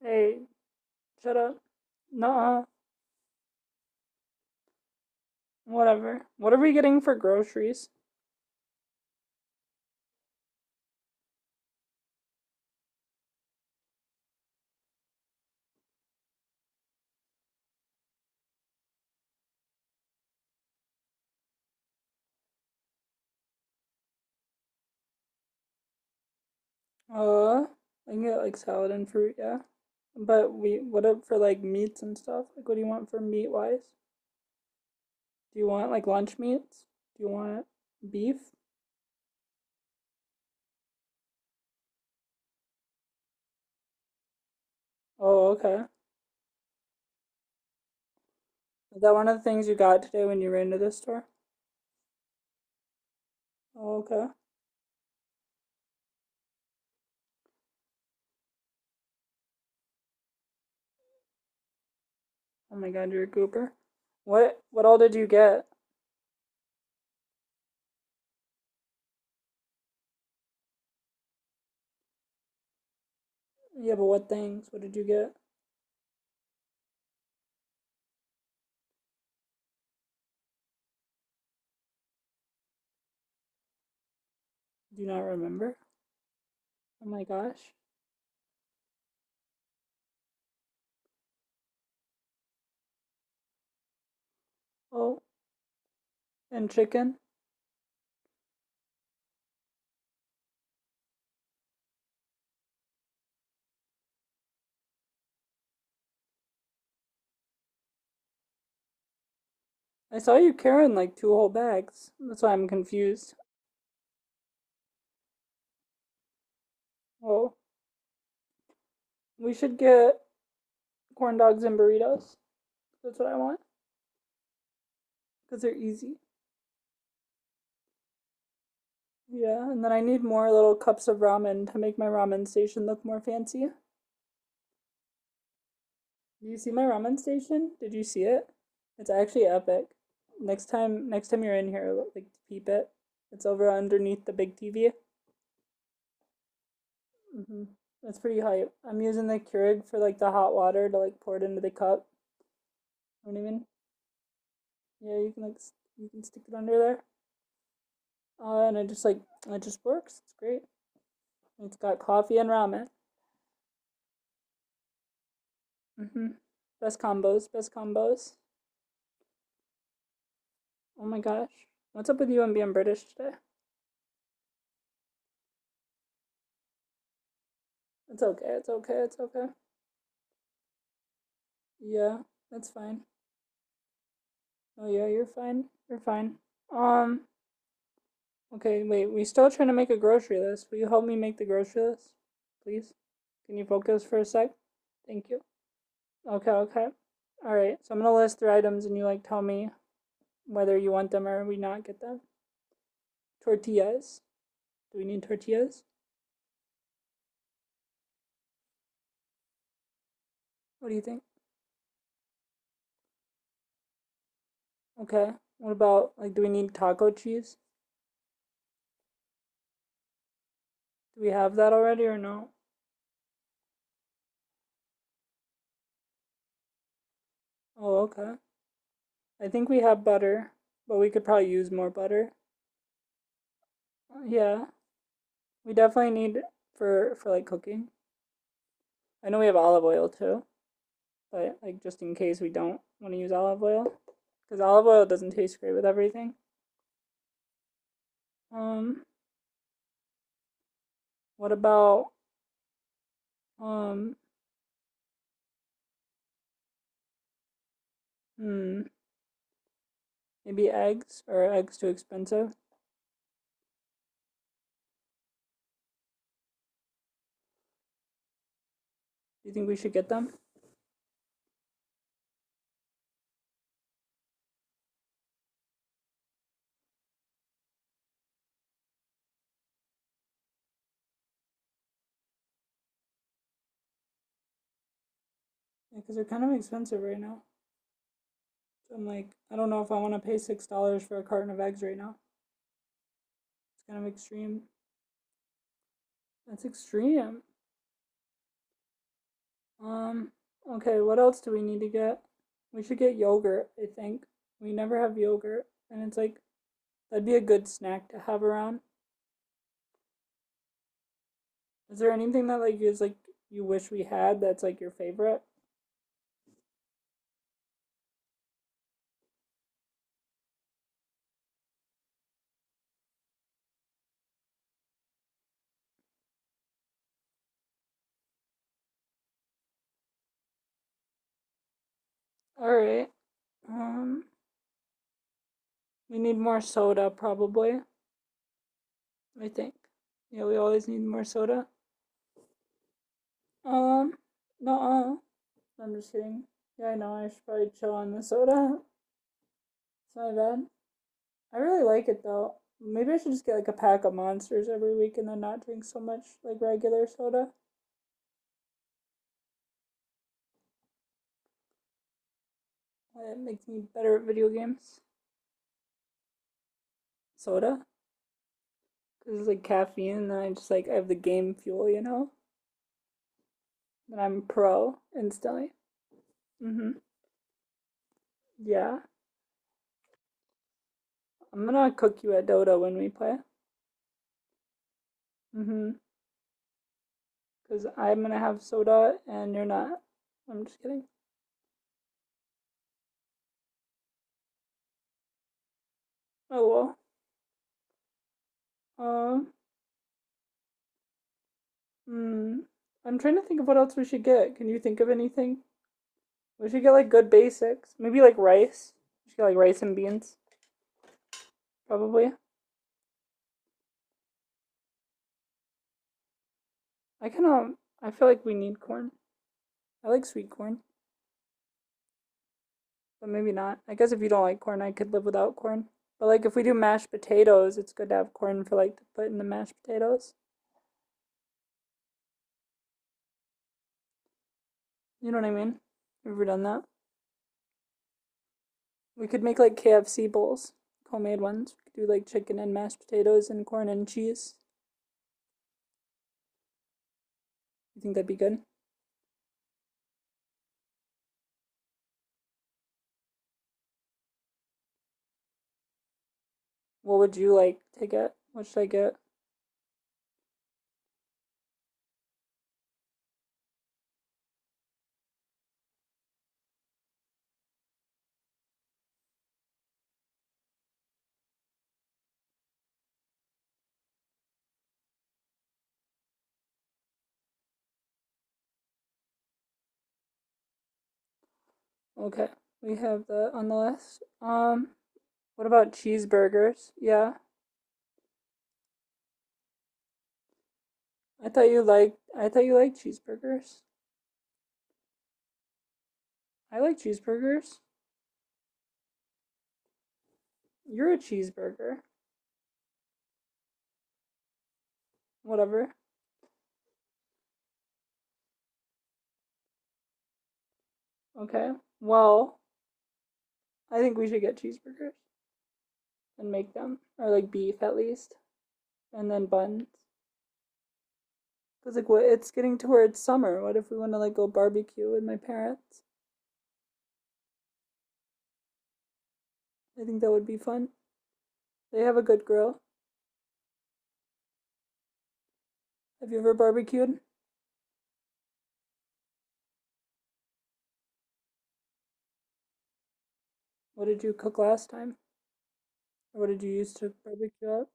Hey, shut up. Nah, whatever. What are we getting for groceries? I can get like salad and fruit, yeah. But we, what up for like meats and stuff? Like, what do you want for meat wise? Do you want like lunch meats? Do you want beef? Oh, okay. Is that one of the things you got today when you ran to the store? Oh, okay. Oh my God, you're a goober. What all did you get? Yeah, but what things? What did you get? Do you not remember? Oh my gosh. Oh, and chicken. I saw you carrying like two whole bags. That's why I'm confused. Well, we should get corn dogs and burritos. That's what I want because they're easy. Yeah, and then I need more little cups of ramen to make my ramen station look more fancy. Do you see my ramen station? Did you see it? It's actually epic. Next time you're in here, like peep it. It's over underneath the big TV. Mm-hmm. That's pretty hype. I'm using the Keurig for like the hot water to like pour it into the cup. You know what I mean? Yeah, you can like you can stick it under there, and it just like it just works. It's great. And It's got coffee and ramen. Mm-hmm. Best combos. Best combos. Oh my gosh, what's up with you and being British today? It's okay. It's okay. It's okay. Yeah, that's fine. Oh yeah, you're fine. You're fine. Um. Okay. Wait. We still trying to make a grocery list. Will you help me make the grocery list, please? Can you focus for a sec? Thank you. Okay. Okay. All right. So I'm gonna list three items, and you like tell me whether you want them or we not get them. Tortillas. Do we need tortillas? What do you think? Okay. What about like do we need taco cheese? Do we have that already or no? Oh, okay. I think we have butter, but we could probably use more butter. Yeah. We definitely need for like cooking. I know we have olive oil too, but like just in case we don't want to use olive oil cuz olive oil doesn't taste great with everything. Um what about um hmm maybe eggs or eggs too expensive? Do you think we should get them? Yeah, because they're kind of expensive right now. So I'm like, I don't know if I want to pay $6 for a carton of eggs right now. It's kind of extreme. That's extreme. Um. Okay. What else do we need to get? We should get yogurt. I think we never have yogurt, and it's like that'd be a good snack to have around. Is there anything that like is like you wish we had that's like your favorite? All right. Um. We need more soda probably. I think. Yeah, we always need more soda. Um. No. I'm just kidding. Yeah, I know. I should probably chill on the soda. It's my bad. I really like it though. Maybe I should just get like a pack of monsters every week and then not drink so much like regular soda. It makes me better at video games. Soda? Because it's like caffeine and then I just like I have the game fuel, you know? And I'm pro instantly. Mm hmm. Yeah. I'm gonna cook you at Dota when we play. Mm hmm. Because I'm gonna have soda and you're not. I'm just kidding. Oh well. Um. Hmm, I'm trying to think of what else we should get. Can you think of anything? We should get like good basics. Maybe like rice. We should get like rice and beans, probably. I kind of I feel like we need corn. I like sweet corn, but maybe not. I guess if you don't like corn, I could live without corn. But like if we do mashed potatoes, it's good to have corn for like to put in the mashed potatoes. You know what I mean? Have you ever done that? We could make like KFC bowls, homemade ones. We could do like chicken and mashed potatoes and corn and cheese. You think that'd be good? What would you like to get? What should I get? Okay, we have that on the list. What about cheeseburgers? Yeah, I thought you liked. I thought you liked cheeseburgers. I like cheeseburgers. You're a cheeseburger. Whatever. Okay. Well, I think we should get cheeseburgers and make them, or like beef at least, and then buns. Cause like what? It's getting towards summer. What if we want to like go barbecue with my parents? I think that would be fun. They have a good grill. Have you ever barbecued? What did you cook last time? Or what did you use to barbecue up?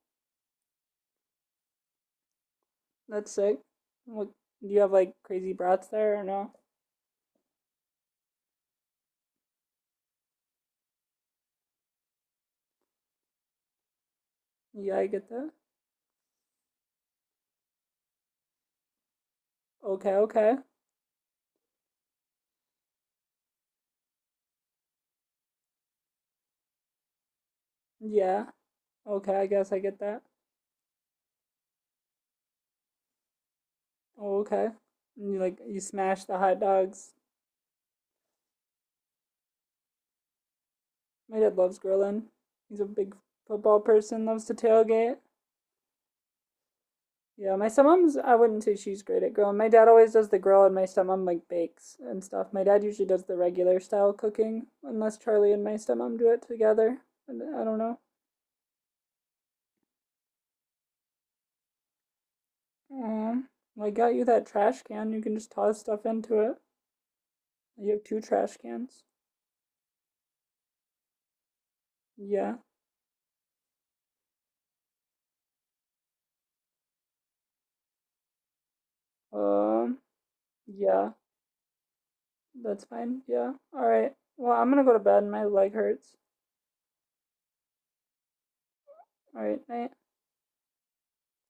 That's sick. What do you have like crazy brats there or no? Yeah, I get that. Okay, okay. Yeah. Okay, I guess I get that. Oh, okay. And you like you smash the hot dogs. My dad loves grilling. He's a big football person, loves to tailgate. Yeah, my stepmom's I wouldn't say she's great at grilling. My dad always does the grill and my stepmom like bakes and stuff. My dad usually does the regular style cooking, unless Charlie and my stepmom do it together. And I don't know. Um, I got you that trash can. You can just toss stuff into it. You have two trash cans. Yeah. Um, yeah. That's fine. Yeah. All right. Well, I'm gonna go to bed. My leg hurts. All right. Night.